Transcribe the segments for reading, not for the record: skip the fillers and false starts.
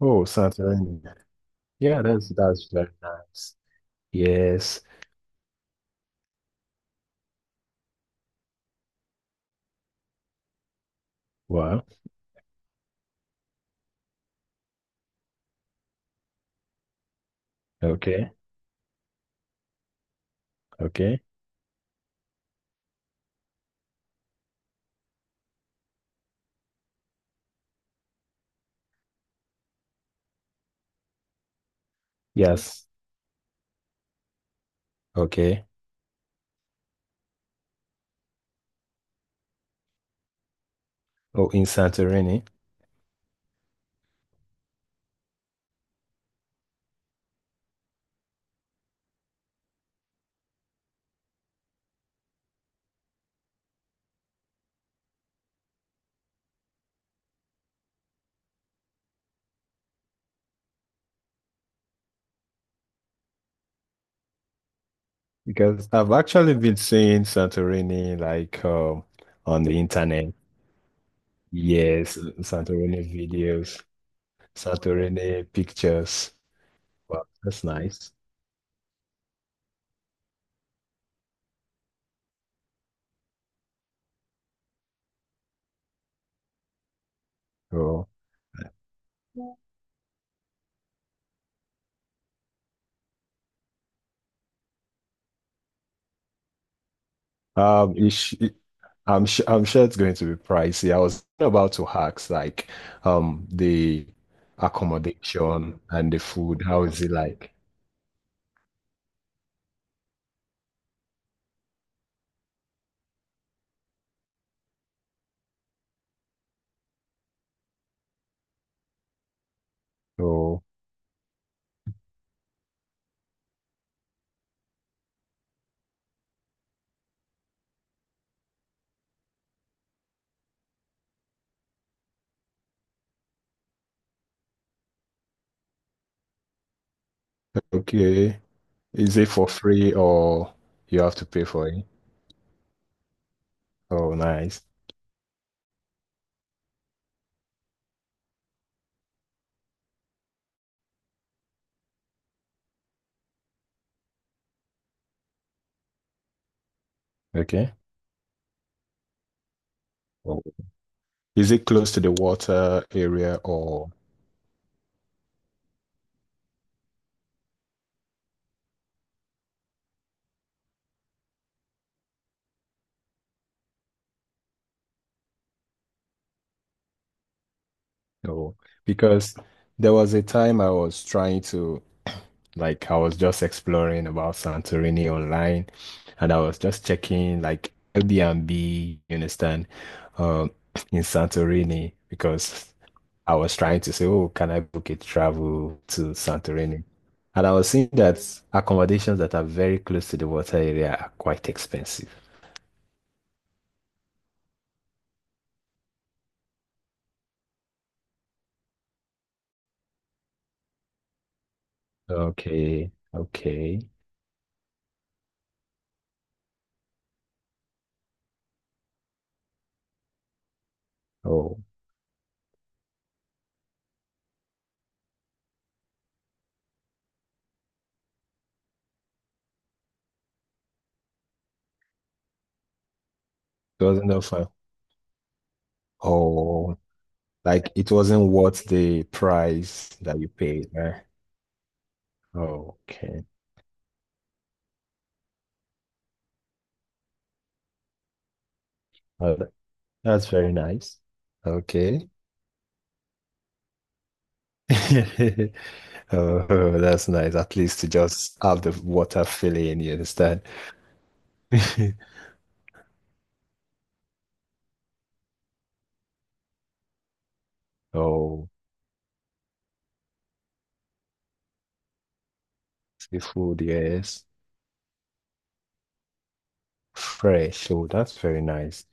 Oh, Santorini. Yeah, that's very nice. Yes. Wow. Okay. Okay. Yes. Okay. Oh, in Santorini, because I've actually been seeing Santorini like on the internet. Yes, Santorini videos, Santorini pictures. Wow, that's nice. Oh, um, is. sh- I'm sure it's going to be pricey. I was about to ask like the accommodation and the food. How is it like? Oh, okay. Is it for free or you have to pay for it? Oh, nice. Okay. Oh. Is it close to the water area or no? Because there was a time I was trying to, like I was just exploring about Santorini online and I was just checking like Airbnb, you understand, um, in Santorini because I was trying to say, oh, can I book a travel to Santorini? And I was seeing that accommodations that are very close to the water area are quite expensive. Okay, okay. Oh, it wasn't that fun. Oh, like it wasn't worth the price that you paid, right? Okay. Uh, that's very nice. Okay. Oh, that's nice. At least to just have the water filling, you understand? Oh, seafood, yes. Fresh. Oh, that's very nice.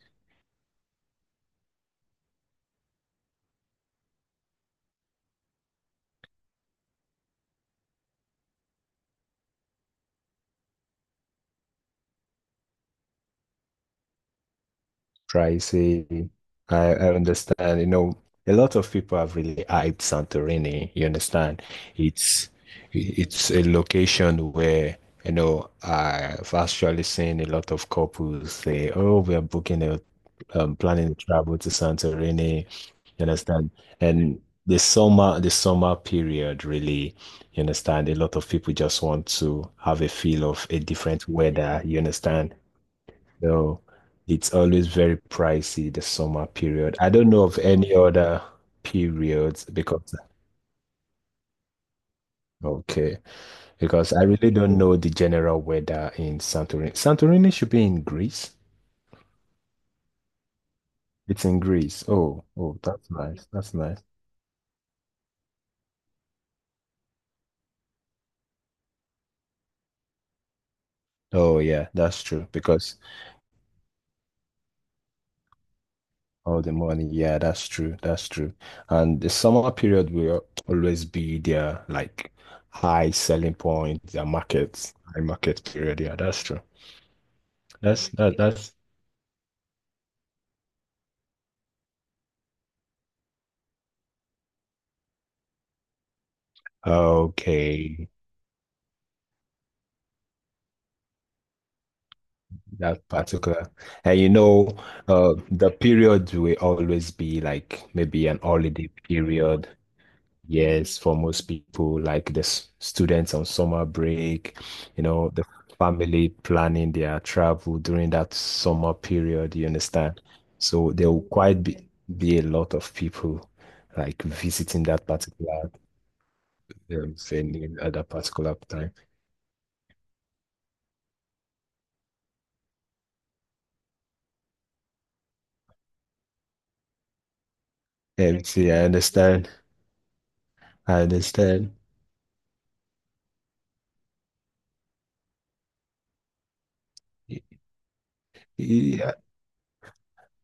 Pricey. I understand. You know, a lot of people have really hyped Santorini. You understand? It's it's a location where, you know, I've actually seen a lot of couples say, "Oh, we are booking a planning to travel to Santorini, you understand?" And the summer period really, you understand? A lot of people just want to have a feel of a different weather, you understand? So it's always very pricey, the summer period. I don't know of any other periods because okay, because I really don't know the general weather in Santorini. Santorini should be in Greece. It's in Greece. Oh, oh, that's nice. That's nice. Oh yeah, that's true. Because all the money. Yeah, that's true. That's true. And the summer period will always be their like high selling point, their markets, high market period. Yeah, that's true. That's that Yeah. that's okay. That particular. And you know, the period will always be like maybe an holiday period. Yes, for most people, like the s- students on summer break, you know, the family planning their travel during that summer period, you understand? So there will quite be a lot of people like visiting that particular venue at that particular time. And see, I understand. I understand.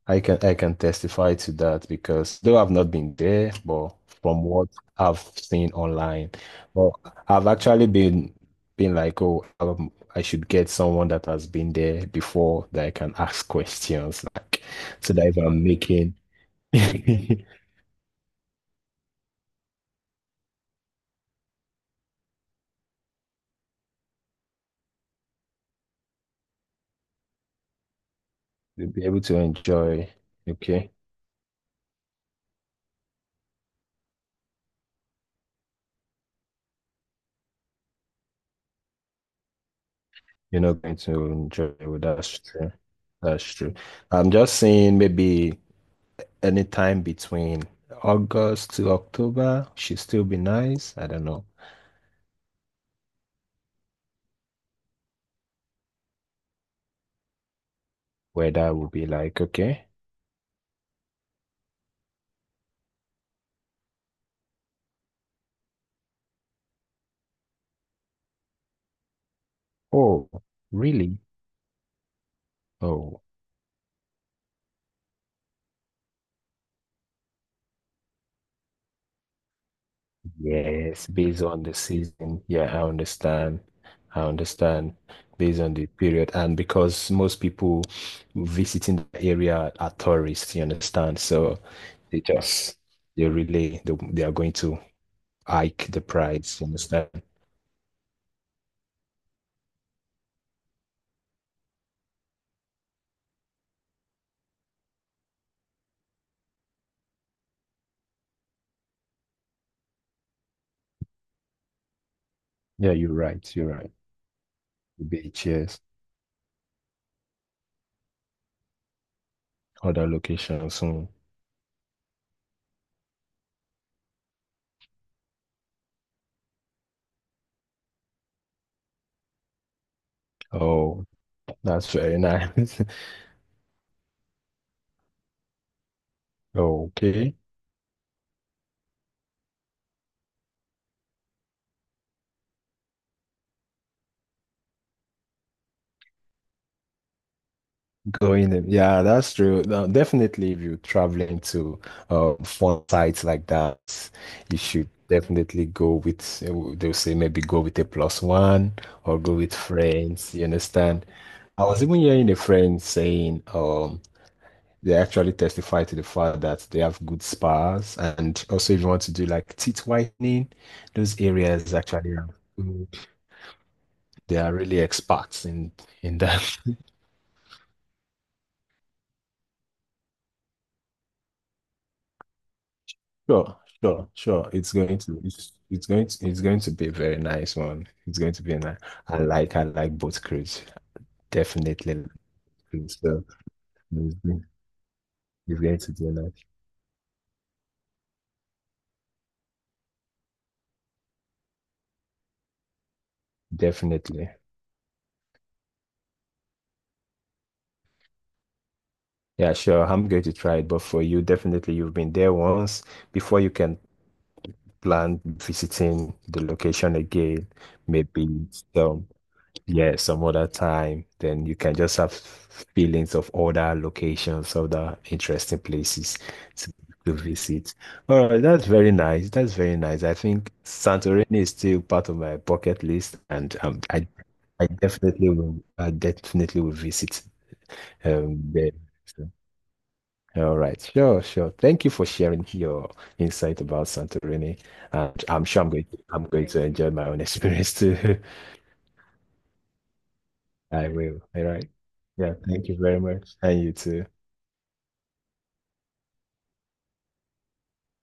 I can testify to that because though I've not been there, but from what I've seen online, but I've actually been like, oh, I should get someone that has been there before that I can ask questions, like so that if I'm making, you'll be able to enjoy. Okay, you're not going to enjoy. Well, that's true. That's true. I'm just saying maybe anytime between August to October should still be nice. I don't know whether I will be like, okay, oh, really? Oh, yes, based on the season. Yeah, I understand. I understand. Based on the period, and because most people visiting the area are tourists, you understand? So they just they really they are going to hike the price, you understand? Yeah, you're right. You're right. Beaches, other locations. Mm. Oh, that's very nice. Okay, going in. Yeah, that's true. Now, definitely, if you're traveling to fun sites like that, you should definitely go with, they'll say maybe go with a plus one or go with friends. You understand? I was even hearing a friend saying, they actually testify to the fact that they have good spas, and also if you want to do like teeth whitening, those areas actually have. They are really experts in that. Sure, sure, sure. It's going to be a very nice one. It's going to be a nice. I like boat cruise. Definitely like cruise. So it's going to be nice. Definitely. Yeah, sure. I'm going to try it. But for you, definitely you've been there once. Before you can plan visiting the location again, maybe some yeah, some other time, then you can just have feelings of other locations, other interesting places to, to visit. All right, that's very nice. That's very nice. I think Santorini is still part of my bucket list, and I definitely will visit there. So, all right, sure, sure. Thank you for sharing your insight about Santorini, and I'm sure I'm going to enjoy my own experience too. I will. All right. Yeah, thank you very much. And you too.